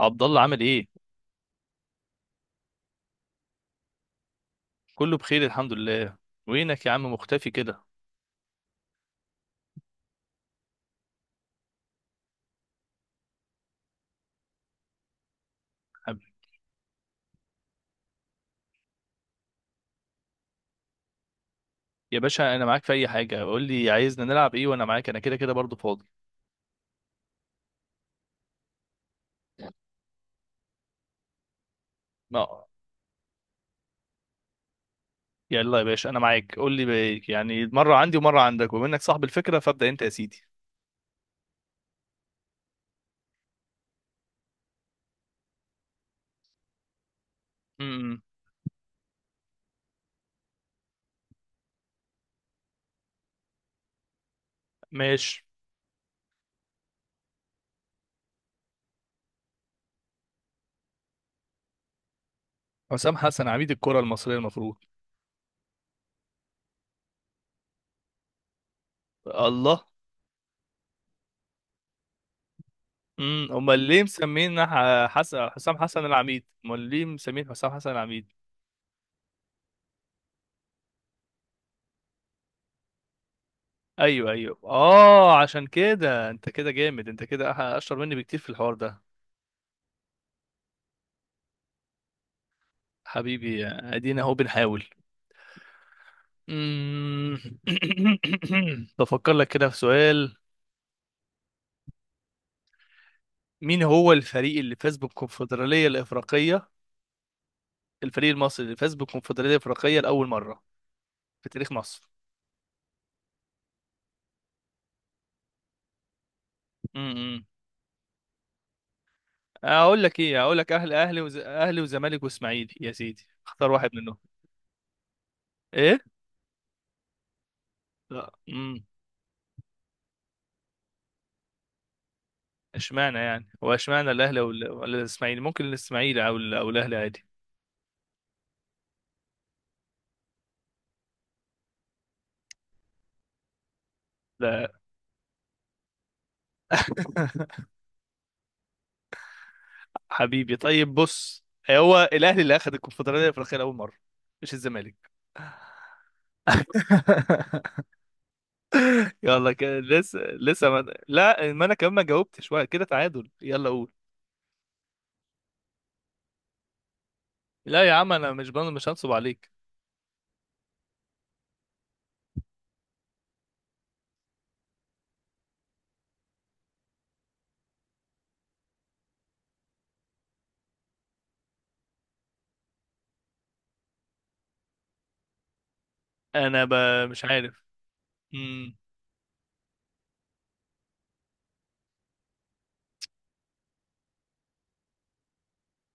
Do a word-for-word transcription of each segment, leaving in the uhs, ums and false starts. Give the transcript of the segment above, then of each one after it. عبد الله عامل ايه؟ كله بخير الحمد لله. وينك يا عم مختفي كده؟ حب- يا باشا انا معاك في اي حاجه، قول لي عايزنا نلعب ايه وانا معاك، انا كده كده برضو فاضي. ما يلا يا باشا انا معاك قول لي. بقى- يعني مره عندي ومره عندك، ومنك صاحب الفكره فابدا انت يا سيدي. امم ماشي. حسام حسن عميد الكره المصريه المفروض. الله. امم، امال ليه مسمين حسن حسام حسن العميد؟ امال ليه مسمين حسام حسن العميد؟ ايوه ايوه، اه عشان كده انت كده جامد، انت كده أح- اشطر مني بكتير في الحوار ده. حبيبي ادينا اهو بنحاول. أمم. بفكر لك كده في سؤال. مين هو الفريق اللي فاز بالكونفدرالية الإفريقية؟ الفريق المصري اللي فاز بالكونفدرالية الإفريقية لأول مرة في تاريخ مصر. أمم. اقول لك ايه، اقول لك اهلي، اهلي وز... اهلي وزمالك واسماعيلي، يا سيدي اختار واحد منهم. ايه؟ لا، امم. اشمعنى يعني، هو اشمعنى الاهلي، ولا ولا الاسماعيلي؟ ممكن الاسماعيلي او ال- او الاهلي عادي. لا. حبيبي طيب بص، هو الاهلي اللي اخذ الكونفدراليه الافريقيه لاول مره، مش الزمالك. يلا كده لسه لسه ما... لا، ما انا كمان ما جاوبتش، واحد كده تعادل، يلا قول. لا يا عم انا مش بن... مش هنصب عليك. انا ب... مش عارف. امم،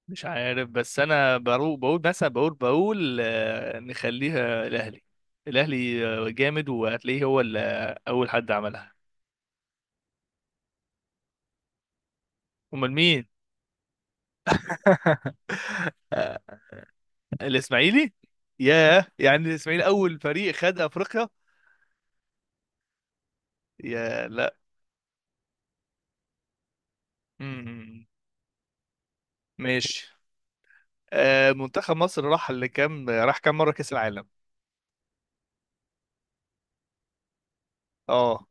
مش عارف، بس انا بقول بقول مثلا، بقول بقول آه، نخليها الاهلي. الاهلي آه، جامد وهتلاقيه هو اللي اول حد عملها. امال مين؟ الاسماعيلي؟ ياه، يعني الاسماعيلي اول فريق خد افريقيا؟ يا لا. امم ماشي. آه، منتخب مصر راح لكام، راح كام مره كاس العالم؟ اه.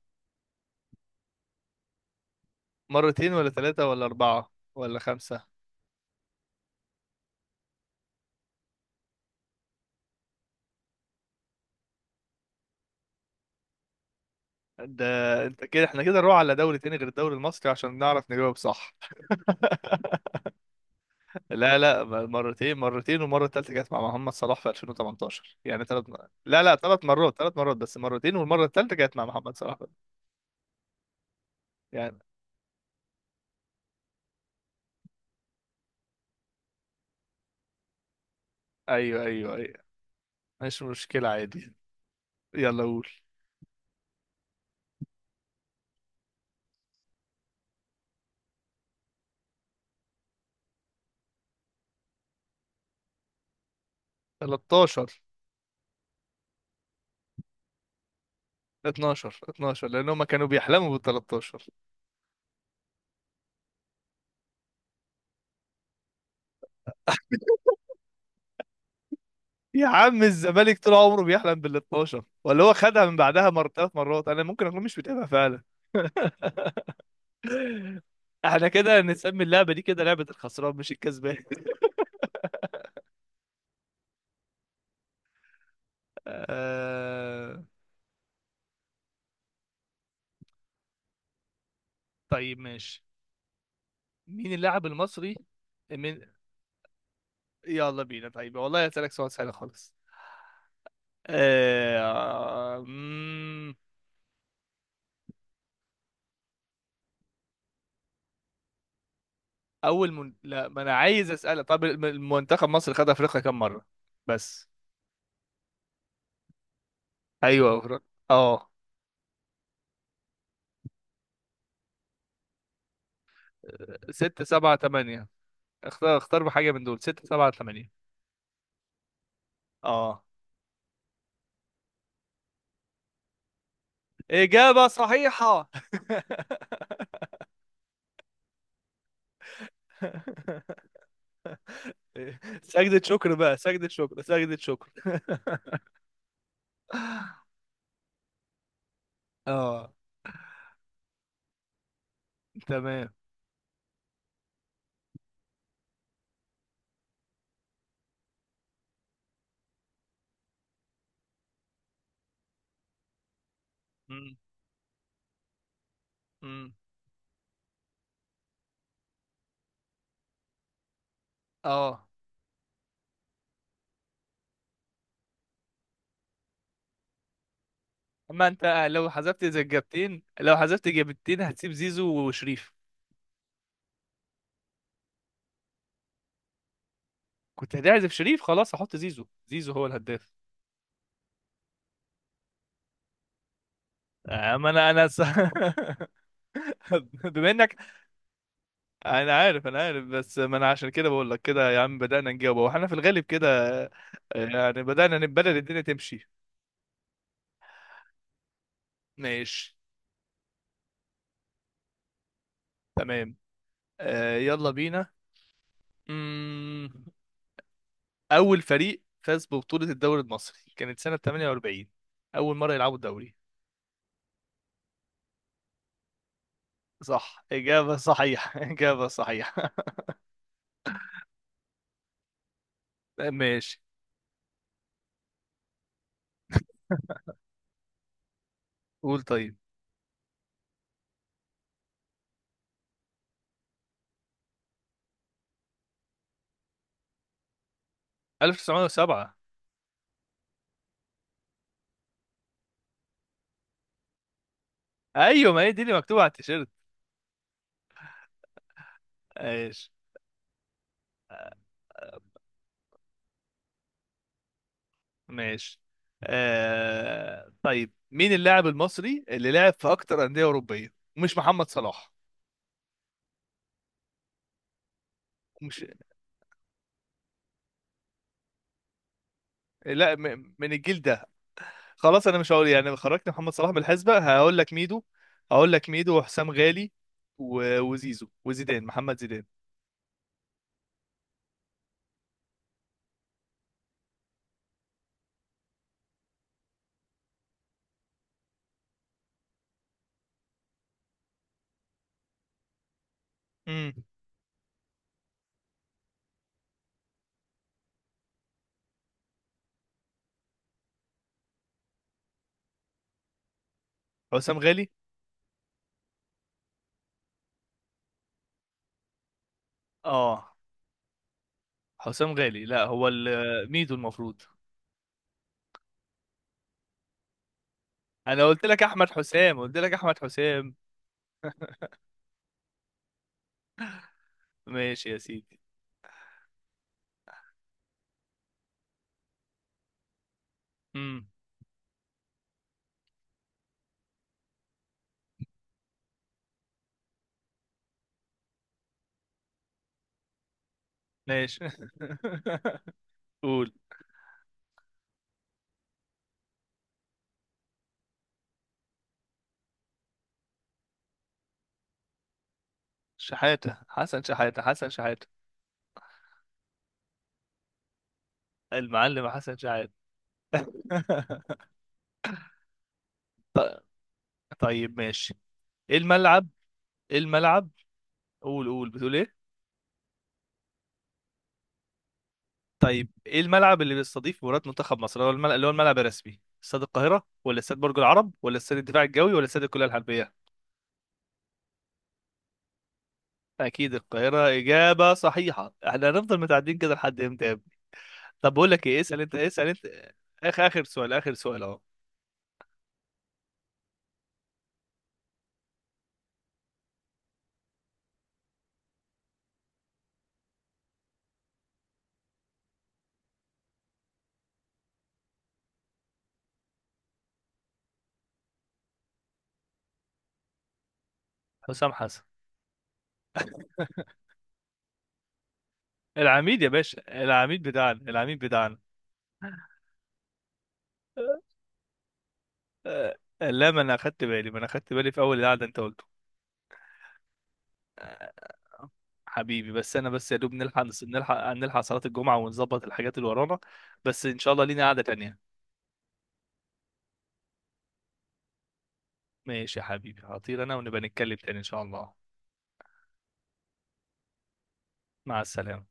مرتين ولا ثلاثه ولا اربعه ولا خمسه؟ ده انت كده، احنا كده نروح على دوري تاني غير الدوري المصري عشان نعرف نجاوب صح. لا لا، مرتين، مرتين والمره الثالثه كانت مع محمد صلاح في ألفين وثمنتاشر، يعني ثلاث مرات، لا لا ثلاث مرات، ثلاث مرات بس، مرتين والمره الثالثه كانت مع محمد صلاح يعني. ايوه ايوه ايوه، مش مشكله عادي، يلا قول. تلتاشر. اتناشر، اتناشر لان هم كانوا بيحلموا بال تلتاشر. يا عم الزمالك طول عمره بيحلم بال اتناشر، ولا هو خدها من بعدها مر ثلاث مرات؟ انا ممكن اكون مش متابع فعلا. احنا كده نسمي اللعبه دي كده لعبه الخسران مش الكسبان. آه، طيب ماشي. مين اللاعب المصري من، يلا بينا، طيب والله هسألك سؤال سهل خالص. آه، مم. اول من... لا، ما انا عايز اسالك، طب الم- المنتخب مصر خد افريقيا كام مره؟ بس. ايوه افريقيا. اه. ستة سبعة تمانية. اختار اختار بحاجة من دول، ستة سبعة تمانية. اه. إجابة صحيحة. سجدة شكر بقى، سجدة شكر، سجدة شكر. اه. تمام. مم. مم. اه. اما انت لو حذفت زي الجبتين، لو حذفت جبتين هتسيب زيزو وشريف. كنت هتعزف شريف، خلاص هحط زيزو، زيزو هو الهداف. آه، ما انا انا س... بما انك. انا عارف انا عارف، بس ما انا عشان كده بقول لك كده يا عم، بدأنا نجاوب واحنا في الغالب كده. آه، يعني بدأنا نبدأ الدنيا تمشي. ماشي. تمام. آه، يلا بينا. مم، اول فريق فاز ببطولة الدوري المصري كانت سنة تمنية واربعين، اول مرة يلعبوا الدوري. صح، إجابة صحيحة. إجابة صحيحة. ماشي. قول طيب. ألف وتسعمائة وسبعة. ايوه، ما هي دي اللي مكتوبة على التيشيرت. ايش؟ ماشي. آه، طيب مين اللاعب المصري اللي لعب في اكتر انديه اوروبيه، ومش محمد صلاح؟ مش. لا م... من الجيل ده. خلاص انا مش هقول يعني، خرجت محمد صلاح من الحسبه، هقول لك ميدو. هقول لك ميدو وحسام غالي و... وزيزو وزيدان، محمد زيدان. امم. حسام غالي. اه، حسام غالي لا، هو ال... ميدو المفروض. انا قلت لك احمد حسام، قلت لك احمد حسام. ماشي يا سيدي. امم ماشي. قول. شحاتة، حسن شحاتة، حسن شحاتة. المعلم حسن شحاتة. ط- طيب ماشي. ايه الملعب، ايه الملعب؟ قول قول، بتقول ايه؟ طيب ايه الملعب اللي بيستضيف مباراة منتخب مصر، اللي هو الملعب، اللي هو الملعب الرسمي، استاد القاهرة ولا استاد برج العرب ولا استاد الدفاع الجوي ولا استاد الكلية الحربية؟ اكيد القاهرة، اجابة صحيحة. احنا هنفضل متعدين كده لحد امتى يا ابني؟ طب بقول لك ايه، اسأل انت، اسأل انت. اخر، اخر سؤال، اخر سؤال اهو. حسام حسن. العميد يا باشا، العميد بتاعنا، العميد بتاعنا. آه، لا، ما انا اخدت بالي، ما انا اخدت بالي في اول القعده انت قلته. حبيبي بس، انا بس يا دوب نلحق نلحق نلحق صلاه الجمعه، ونظبط الحاجات اللي ورانا. بس ان شاء الله لينا قعده تانية. ماشي يا حبيبي، هطير انا ونبقى نتكلم تاني ان شاء الله. مع السلامه.